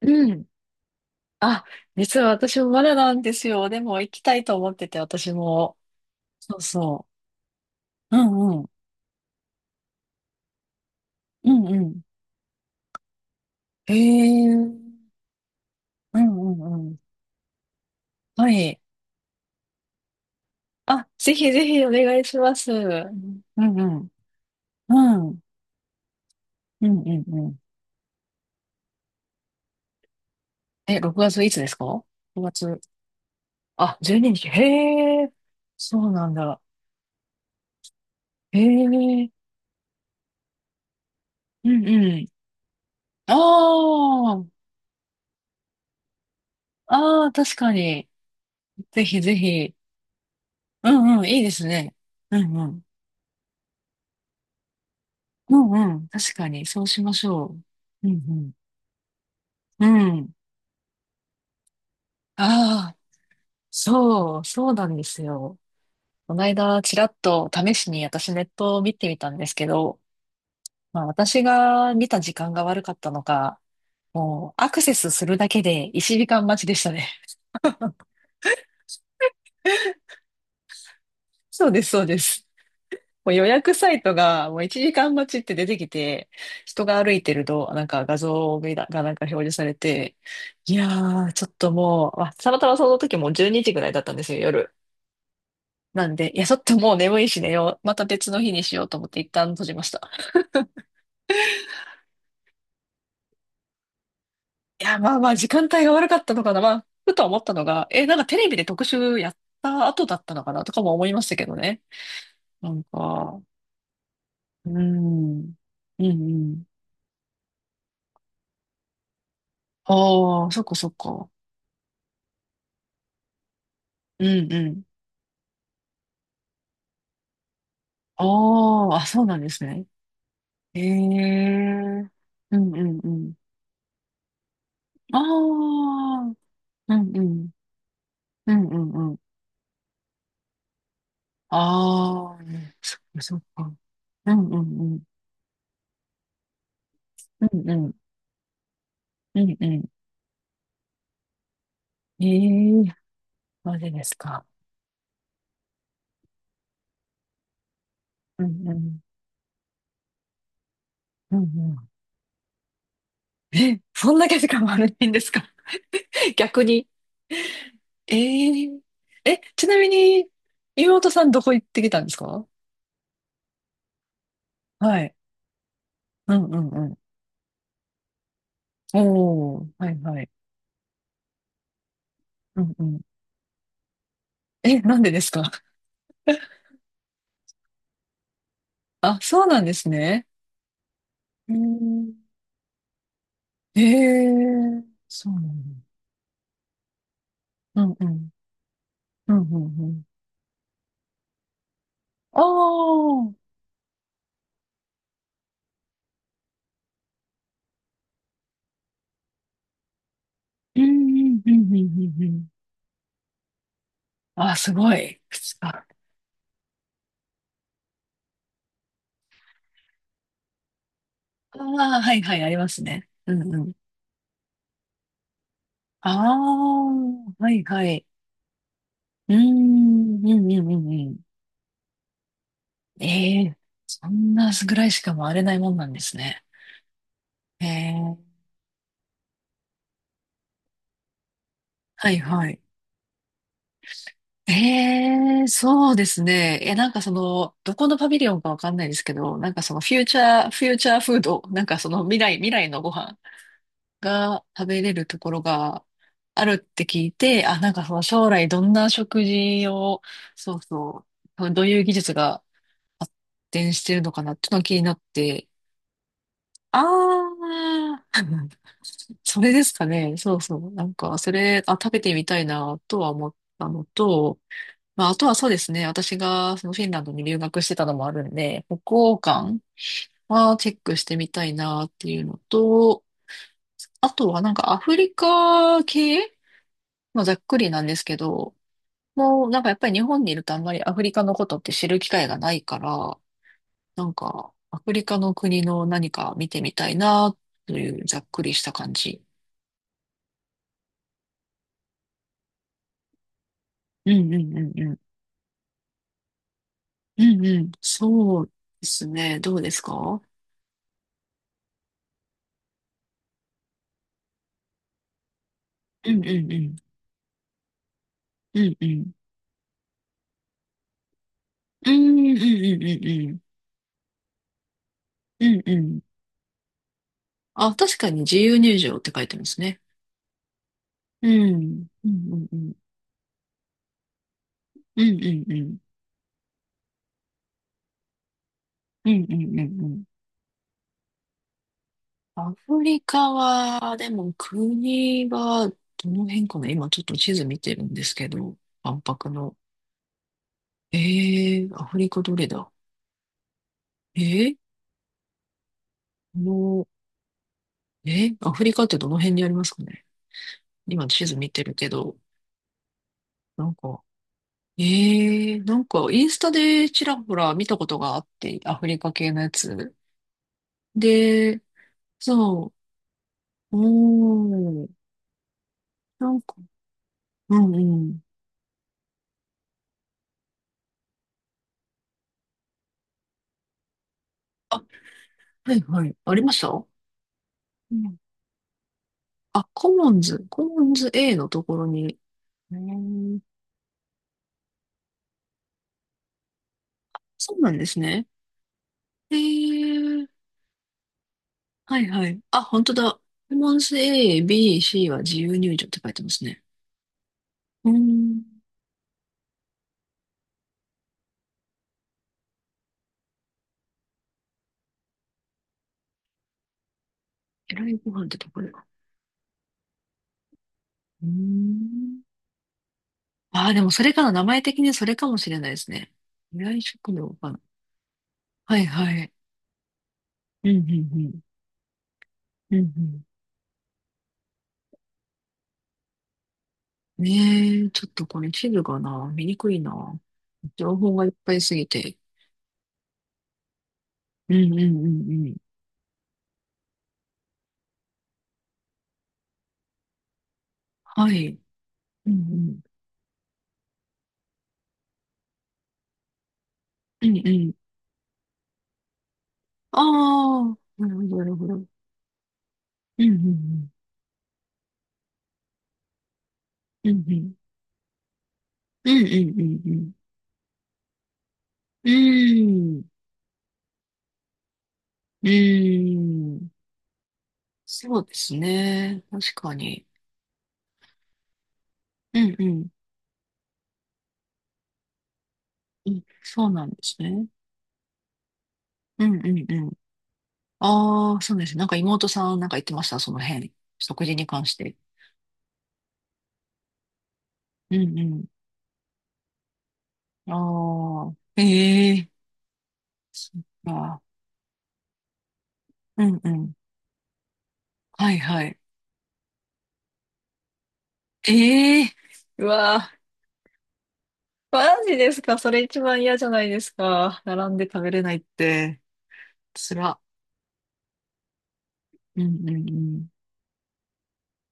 うん。あ、実は私もまだなんですよ。でも行きたいと思ってて、私も。そうそう。うんうん。うんうん。へえ。うんうんうん。はい。あ、ぜひぜひお願いします。うんうんうん。うん。うんうんうん。え、6月いつですか？ 6 月。あ、12日。へえ。そうなんだ。へえ。うんうん。ああ。ああ、確かに。ぜひぜひ。うんうん。いいですね。うんうん。うんうん。確かに、そうしましょう。うんうん。うん。ああ、そう、そうなんですよ。この間、ちらっと試しに私ネットを見てみたんですけど、まあ私が見た時間が悪かったのか、もうアクセスするだけで一時間待ちでしたね。そうです、そうです。もう予約サイトがもう1時間待ちって出てきて、人が歩いてると、なんか画像がなんか表示されて、いやー、ちょっともう、あ、たまたまその時もう12時ぐらいだったんですよ、夜。なんで、いや、ちょっともう眠いし寝よう。また別の日にしようと思って一旦閉じました。いや、まあまあ、時間帯が悪かったのかな。まあ、ふと思ったのが、え、なんかテレビで特集やった後だったのかなとかも思いましたけどね。なんか、うーん、うんうん。ああ、そっかそっか。うんうん。ああ、あ、そうなんですね。へえ。うんうんうん。ああ、うんうん。うんうんうん。ああ、そっかそっか。うんうんうん。うんうん。うんうん。ええ、マジですか。うんうん。うんうん。え、そんだけ時間悪いんですか？ 逆に。ええ。え、ちなみに、妹さんどこ行ってきたんですか？はい。うんうんうん。おー、はいはい。うんうん。え、なんでですか？あ、そうなんですね。うん。ええ、そうなんだ。うんうん。うんうんうん。ああ、うんうんうんうんうんうん。あ、すごい。靴か。ああ、はいはい、ありますね。うんうん。ああ、はいはい。うん、うんうんうんうん。ええ、そんなぐらいしか回れないもんなんですね。ええ、はいはい。ええ、そうですね。え、なんかその、どこのパビリオンかわかんないですけど、なんかそのフューチャーフード、なんかその未来のご飯が食べれるところがあるって聞いて、あ、なんかその将来どんな食事を、そうそう、どういう技術が発展してるのかなってのが気になって、ああ、それですかね。そうそう。なんか、それ、あ、食べてみたいなとは思ったのと、まあ、あとはそうですね。私がそのフィンランドに留学してたのもあるんで、北欧館はチェックしてみたいなっていうのと、あとはなんかアフリカ系、まあ、ざっくりなんですけど、もうなんかやっぱり日本にいるとあんまりアフリカのことって知る機会がないから、なんかアフリカの国の何か見てみたいなというざっくりした感じ。うんうんうんうん。うんうん。そうですね。どうですか？うんうんうん。うんうん。うんうんうんうんうんうんうん。あ、確かに自由入場って書いてますね。うん。うんうんうん。うんうんうん。うんうんうんうん。アフリカは、でも国はどの辺かな。今ちょっと地図見てるんですけど、万博の。アフリカどれだ？えー、この、アフリカってどの辺にありますかね？今地図見てるけど、なんか、えなんかインスタでちらほら見たことがあって、アフリカ系のやつ。で、そう、うーん。なんか、うんうん。あ、はいはい。ありました。うん。あ、コモンズ A のところに。へー、そうなんですね。へえ、はいはい。あ、本当だ。コモンズ A、B、C は自由入場って書いてますね。うーん。えらいご飯ってところか。うーん。ああ、でもそれかな。名前的にそれかもしれないですね。未来食堂かな。はいはい。うんうんうん。うんうん。ねえ、ちょっとこれ地図がな、見にくいな。情報がいっぱいすぎて。うんうんうんうん。はい。うんうん。うんうん。ああ、なるほど、なるほど。うんうんうん。うんうん。うんうんうんうん。うーん。うーん。そうですね。確かに。うんうん。うん、そうなんですね。うんうんうん。ああ、そうです。なんか妹さんなんか言ってました、その辺。食事に関して。うんうん。ああ、ええ、そっか。うんうん。はいはい。ええ、うわー、マジですか？それ一番嫌じゃないですか。並んで食べれないって。つら。うんうんうん。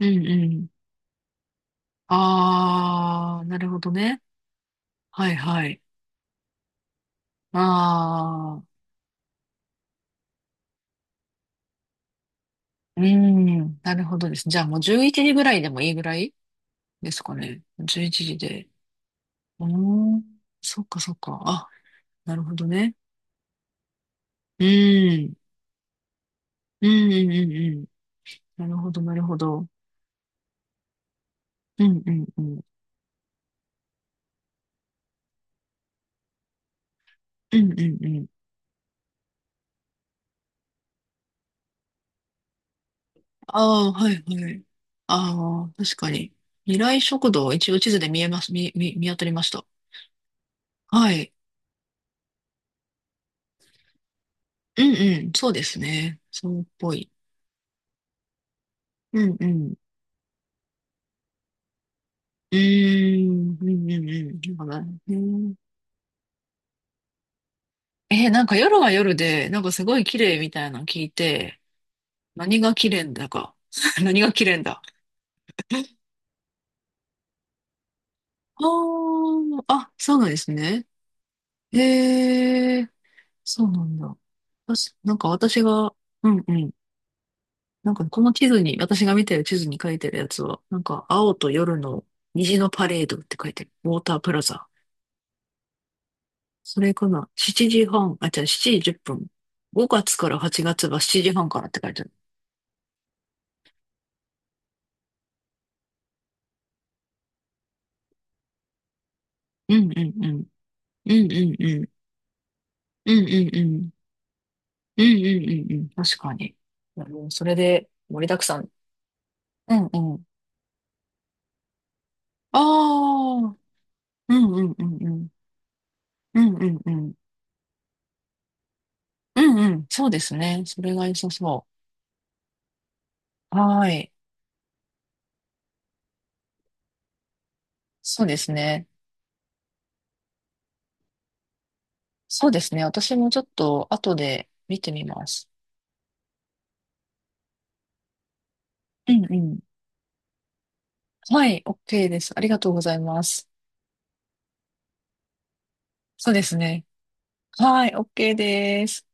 うんうん。ああ、なるほどね。はいはい。ああ、うん。なるほどです。じゃあもう11時ぐらいでもいいぐらいですかね。11時で。うーん。そっかそっか。あ、なるほどね。うん。うんうんうんうん。なるほど、なるほど。うんうんうん。うんうんうん。ああ、はいはい。ああ、確かに。未来食堂、一応地図で見えます、見当たりました。はい。うんうん、そうですね。そうっぽい。うんうん。うーん、うんうんうん。なんか、うん、なんか夜は夜で、なんかすごい綺麗みたいなの聞いて、何が綺麗んだか。何が綺麗んだ。ああ、あ、そうなんですね。へえ、そうなんだ。私、なんか私が、うんうん。なんかこの地図に、私が見てる地図に書いてるやつは、なんか青と夜の虹のパレードって書いてる。ウォータープラザ。それかな？ 7 時半、あ、じゃあ時10分。5月から8月は7時半からって書いてある。うんうんうん。うんうんうん。うんうんうん。うんうんうんうん。確かに。いや、もうそれで盛りだくさん。うんうん。ああ。うんうんうんうん。うんうんうん。うんうん。そうですね。それが良さそう。はーい。そうですね。そうですね。私もちょっと後で見てみます。うんうん。はい。OK です。ありがとうございます。そうですね。はい。OK です。